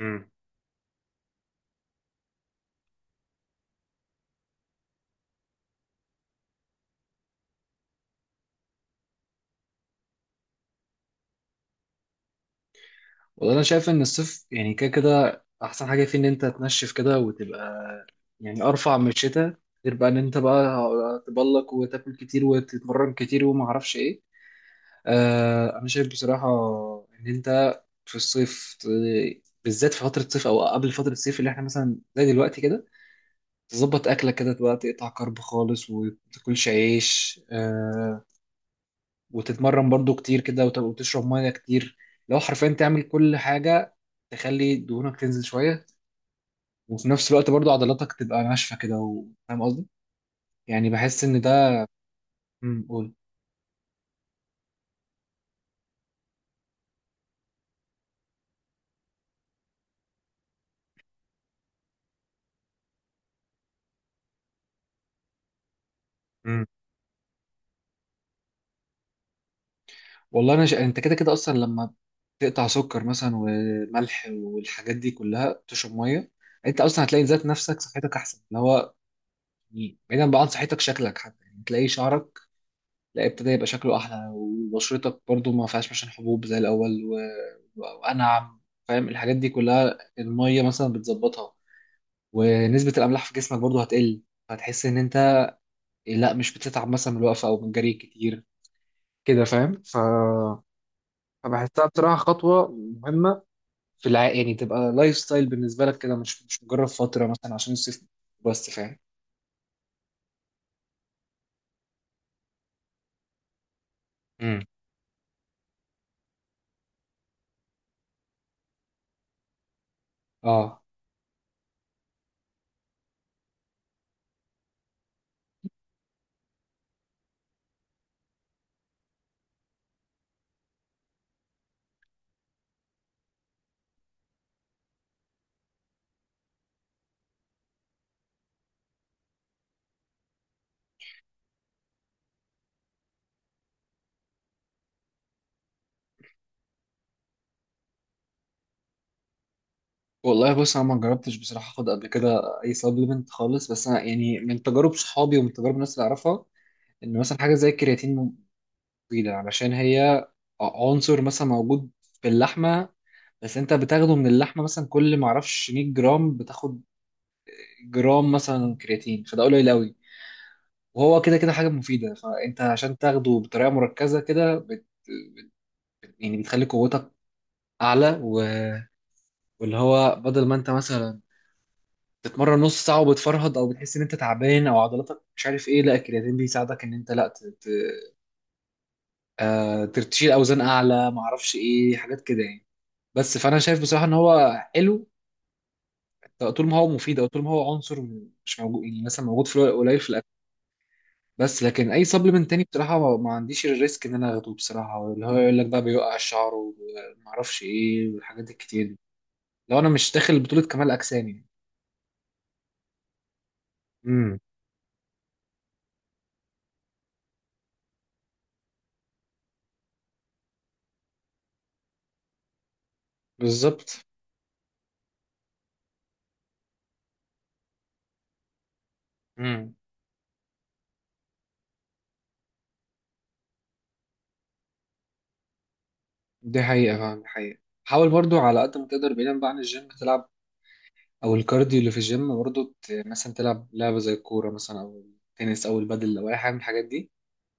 امم والله انا شايف ان الصيف يعني كده كده احسن حاجه فيه ان انت تنشف كده وتبقى يعني ارفع من الشتاء. غير بقى ان انت بقى تبلك وتاكل كتير وتتمرن كتير وما اعرفش ايه. آه انا شايف بصراحه ان انت في الصيف بالذات في فتره الصيف او قبل فتره الصيف اللي احنا مثلا زي دلوقتي كده تظبط اكلك كده تبقى تقطع كرب خالص وما تاكلش عيش. آه وتتمرن برضو كتير كده وتشرب ميه كتير لو حرفيا تعمل كل حاجه تخلي دهونك تنزل شويه، وفي نفس الوقت برضو عضلاتك تبقى ناشفه كده فاهم قصدي؟ يعني بحس ان ده. قول. امم والله انت كده كده اصلا لما تقطع سكر مثلا وملح والحاجات دي كلها تشرب ميه انت اصلا هتلاقي ذات نفسك صحتك احسن، اللي هو يعني بعيدا بقى عن صحتك شكلك حتى، يعني تلاقي شعرك لا ابتدى يبقى شكله احلى، وبشرتك برضو ما فيهاش مثلا حبوب زي الاول وانعم. فاهم؟ الحاجات دي كلها الميه مثلا بتظبطها ونسبه الاملاح في جسمك برضو هتقل. هتحس ان انت لا مش بتتعب مثلا من الوقفه او من الجري كتير كده. فاهم؟ فبحسها بصراحه خطوه مهمه يعني تبقى لايف ستايل بالنسبه لك كده، مش مجرد فتره مثلا عشان الصيف بس. فاهم؟ امم اه. والله بص، انا ما جربتش بصراحه اخد قبل كده اي سبلمنت خالص، بس انا يعني من تجارب صحابي ومن تجارب الناس اللي اعرفها ان مثلا حاجه زي الكرياتين مفيده، علشان هي عنصر مثلا موجود في اللحمه، بس انت بتاخده من اللحمه مثلا كل ما اعرفش 100 جرام بتاخد جرام مثلا كرياتين، فده قليل قوي. وهو كده كده حاجه مفيده، فانت عشان تاخده بطريقه مركزه يعني بتخلي قوتك اعلى واللي هو بدل ما انت مثلا تتمرن نص ساعه وبتفرهد او بتحس ان انت تعبان او عضلاتك مش عارف ايه، لا الكرياتين بيساعدك ان انت لا ت- ت- آه، تشيل اوزان اعلى، ما اعرفش ايه حاجات كده يعني. بس فانا شايف بصراحه ان هو حلو طول ما هو مفيد، او طول ما هو عنصر مش موجود يعني، مثلا موجود في قليل في الاكل. بس لكن اي سبلمنت تاني بصراحه ما عنديش الريسك ان انا اخده بصراحه، اللي هو يقول لك بقى بيوقع الشعر وما اعرفش ايه والحاجات الكتير دي، لو انا مش داخل بطوله كمال اجسام يعني. امم بالظبط. مم. دي حقيقة فعلا، دي حقيقة. حاول برضو على قد ما تقدر بعيدا بقى عن الجيم تلعب، أو الكارديو اللي في الجيم برضو، مثلا تلعب لعبة زي الكورة مثلا أو التنس أو البادل أو أي حاجة من الحاجات دي،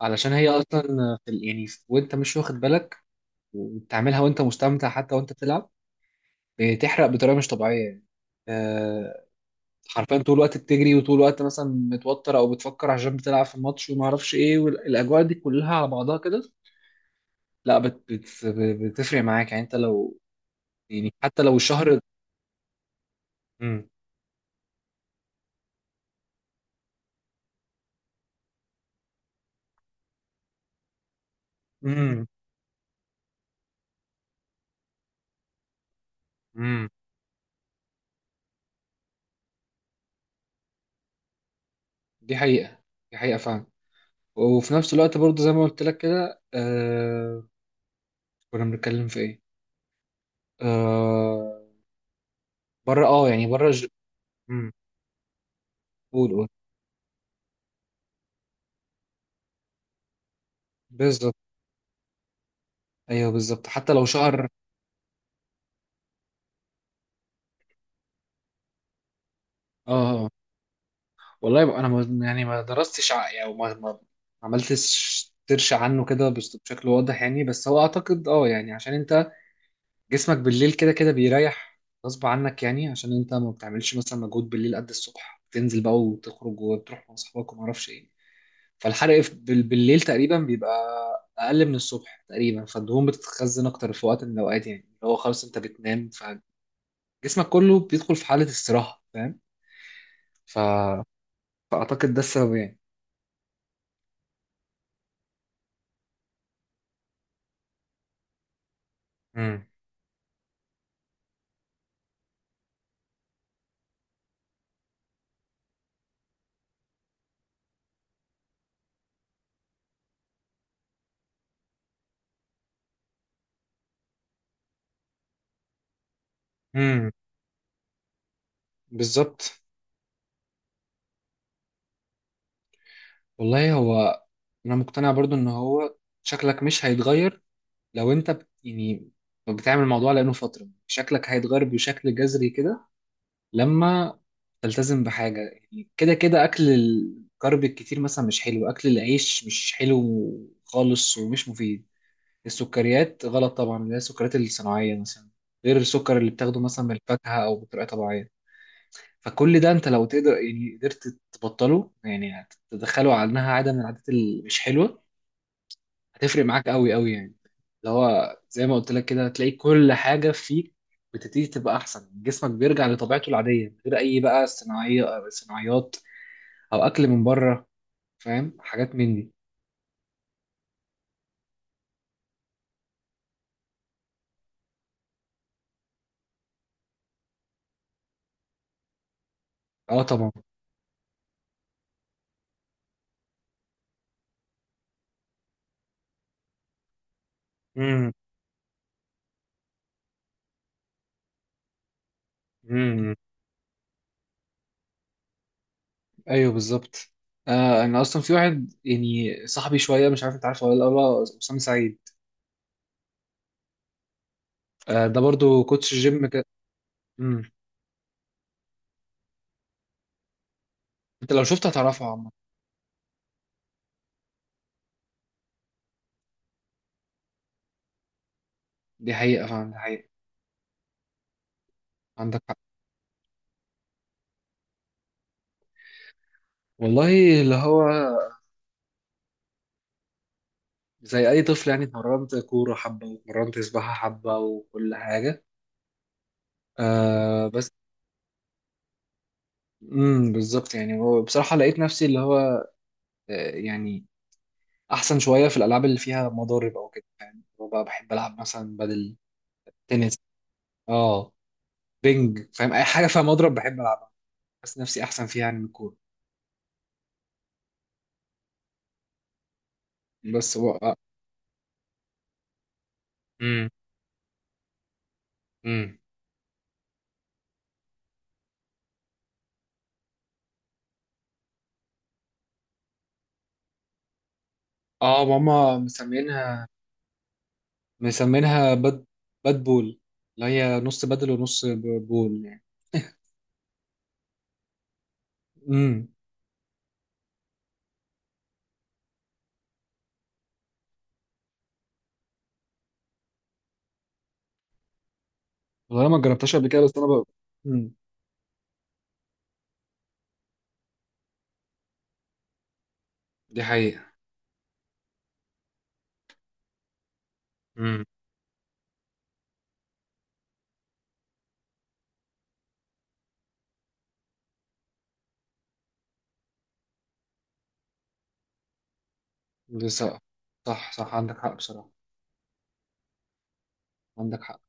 علشان هي أصلا في ال- يعني في- وأنت مش واخد بالك وبتعملها، وأنت مستمتع حتى وأنت بتلعب، بتحرق بطريقة مش طبيعية يعني. آه، حرفيا طول الوقت بتجري وطول الوقت مثلا متوتر أو بتفكر عشان بتلعب في الماتش وما أعرفش إيه، والأجواء دي كلها على بعضها كده، لا بت بت بتفرق معاك يعني. أنت لو يعني حتى لو الشهر امم امم امم. دي حقيقة، دي حقيقة فعلا. وفي نفس الوقت برضه زي ما قلت لك كده كنا بنتكلم في ايه؟ آه، بره، اه يعني مم. قول قول. بالظبط. ايوه بالظبط حتى لو شهر. اه والله يبقى انا ما... يعني ما درستش ع- يعني ما عملتش سيرش عنه كده بشكل واضح يعني، بس هو اعتقد اه يعني عشان انت جسمك بالليل كده كده بيريح غصب عنك، يعني عشان انت ما بتعملش مثلا مجهود بالليل قد الصبح تنزل بقى وتخرج وتروح مع اصحابك وما اعرفش ايه. فالحرق بالليل تقريبا بيبقى اقل من الصبح تقريبا، فالدهون بتتخزن اكتر في وقت من الاوقات يعني، اللي هو خلاص انت بتنام فجسمك كله بيدخل في حالة استراحة. فاهم؟ ف... فاعتقد ده السبب يعني. امم امم بالظبط. والله هو انا مقتنع برضو ان هو شكلك مش هيتغير لو انت يعني بتعمل الموضوع لانه فتره، شكلك هيتغير بشكل جذري كده لما تلتزم بحاجه، يعني كده كده اكل الكرب الكتير مثلا مش حلو، اكل العيش مش حلو خالص ومش مفيد، السكريات غلط طبعا، اللي هي السكريات الصناعيه مثلا، غير السكر اللي بتاخده مثلا من الفاكهه او بطريقه طبيعيه. فكل ده انت لو تقدر يعني قدرت تبطله، يعني تدخله على انها عاده من العادات اللي مش حلوه، هتفرق معاك قوي قوي يعني. اللي هو زي ما قلت لك كده هتلاقي كل حاجه فيك بتبتدي تبقى احسن، جسمك بيرجع لطبيعته العاديه من غير اي بقى صناعيه أو صناعيات او اكل من بره، فاهم؟ حاجات من دي. اه طبعا. امم امم. ايوه بالظبط. آه انا اصلا في واحد يعني صاحبي شويه، مش عارف انت عارفه ولا لا، هو اسامه سعيد. آه ده برضو كوتش جيم كده. امم انت لو شفته هتعرفه عامه. دي حقيقه فعلا، دي حقيقه. عندك حق. والله اللي هو زي أي طفل يعني، اتمرنت كورة حبة واتمرنت سباحة حبة وكل حاجة. آه بس. بالظبط. يعني هو بصراحة لقيت نفسي اللي هو آه يعني أحسن شوية في الألعاب اللي فيها مضارب أو كده، يعني هو بقى بحب ألعب مثلا بدل، تنس، اه، بينج، فاهم؟ أي حاجة فيها مضرب بحب ألعبها، بس نفسي أحسن فيها يعني من الكورة. بس هو امم امم. اه ماما مسمينها، مسمينها باد، بول، اللي هي نص بدل ونص بول يعني. امم والله انا ما جربتهاش قبل كده، مم. دي حقيقة. امم لسه. صح صح، عندك حق بصراحة. عندك حق.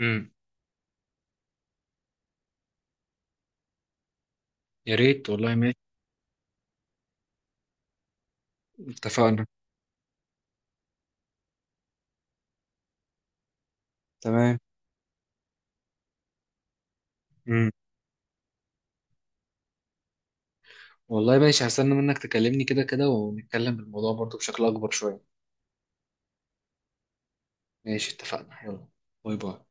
امم يا ريت والله، ماشي اتفقنا، تمام. امم والله ماشي، هستنى منك تكلمني كده كده ونتكلم بالموضوع برضو بشكل أكبر شوية. ماشي اتفقنا يلا. باي باي.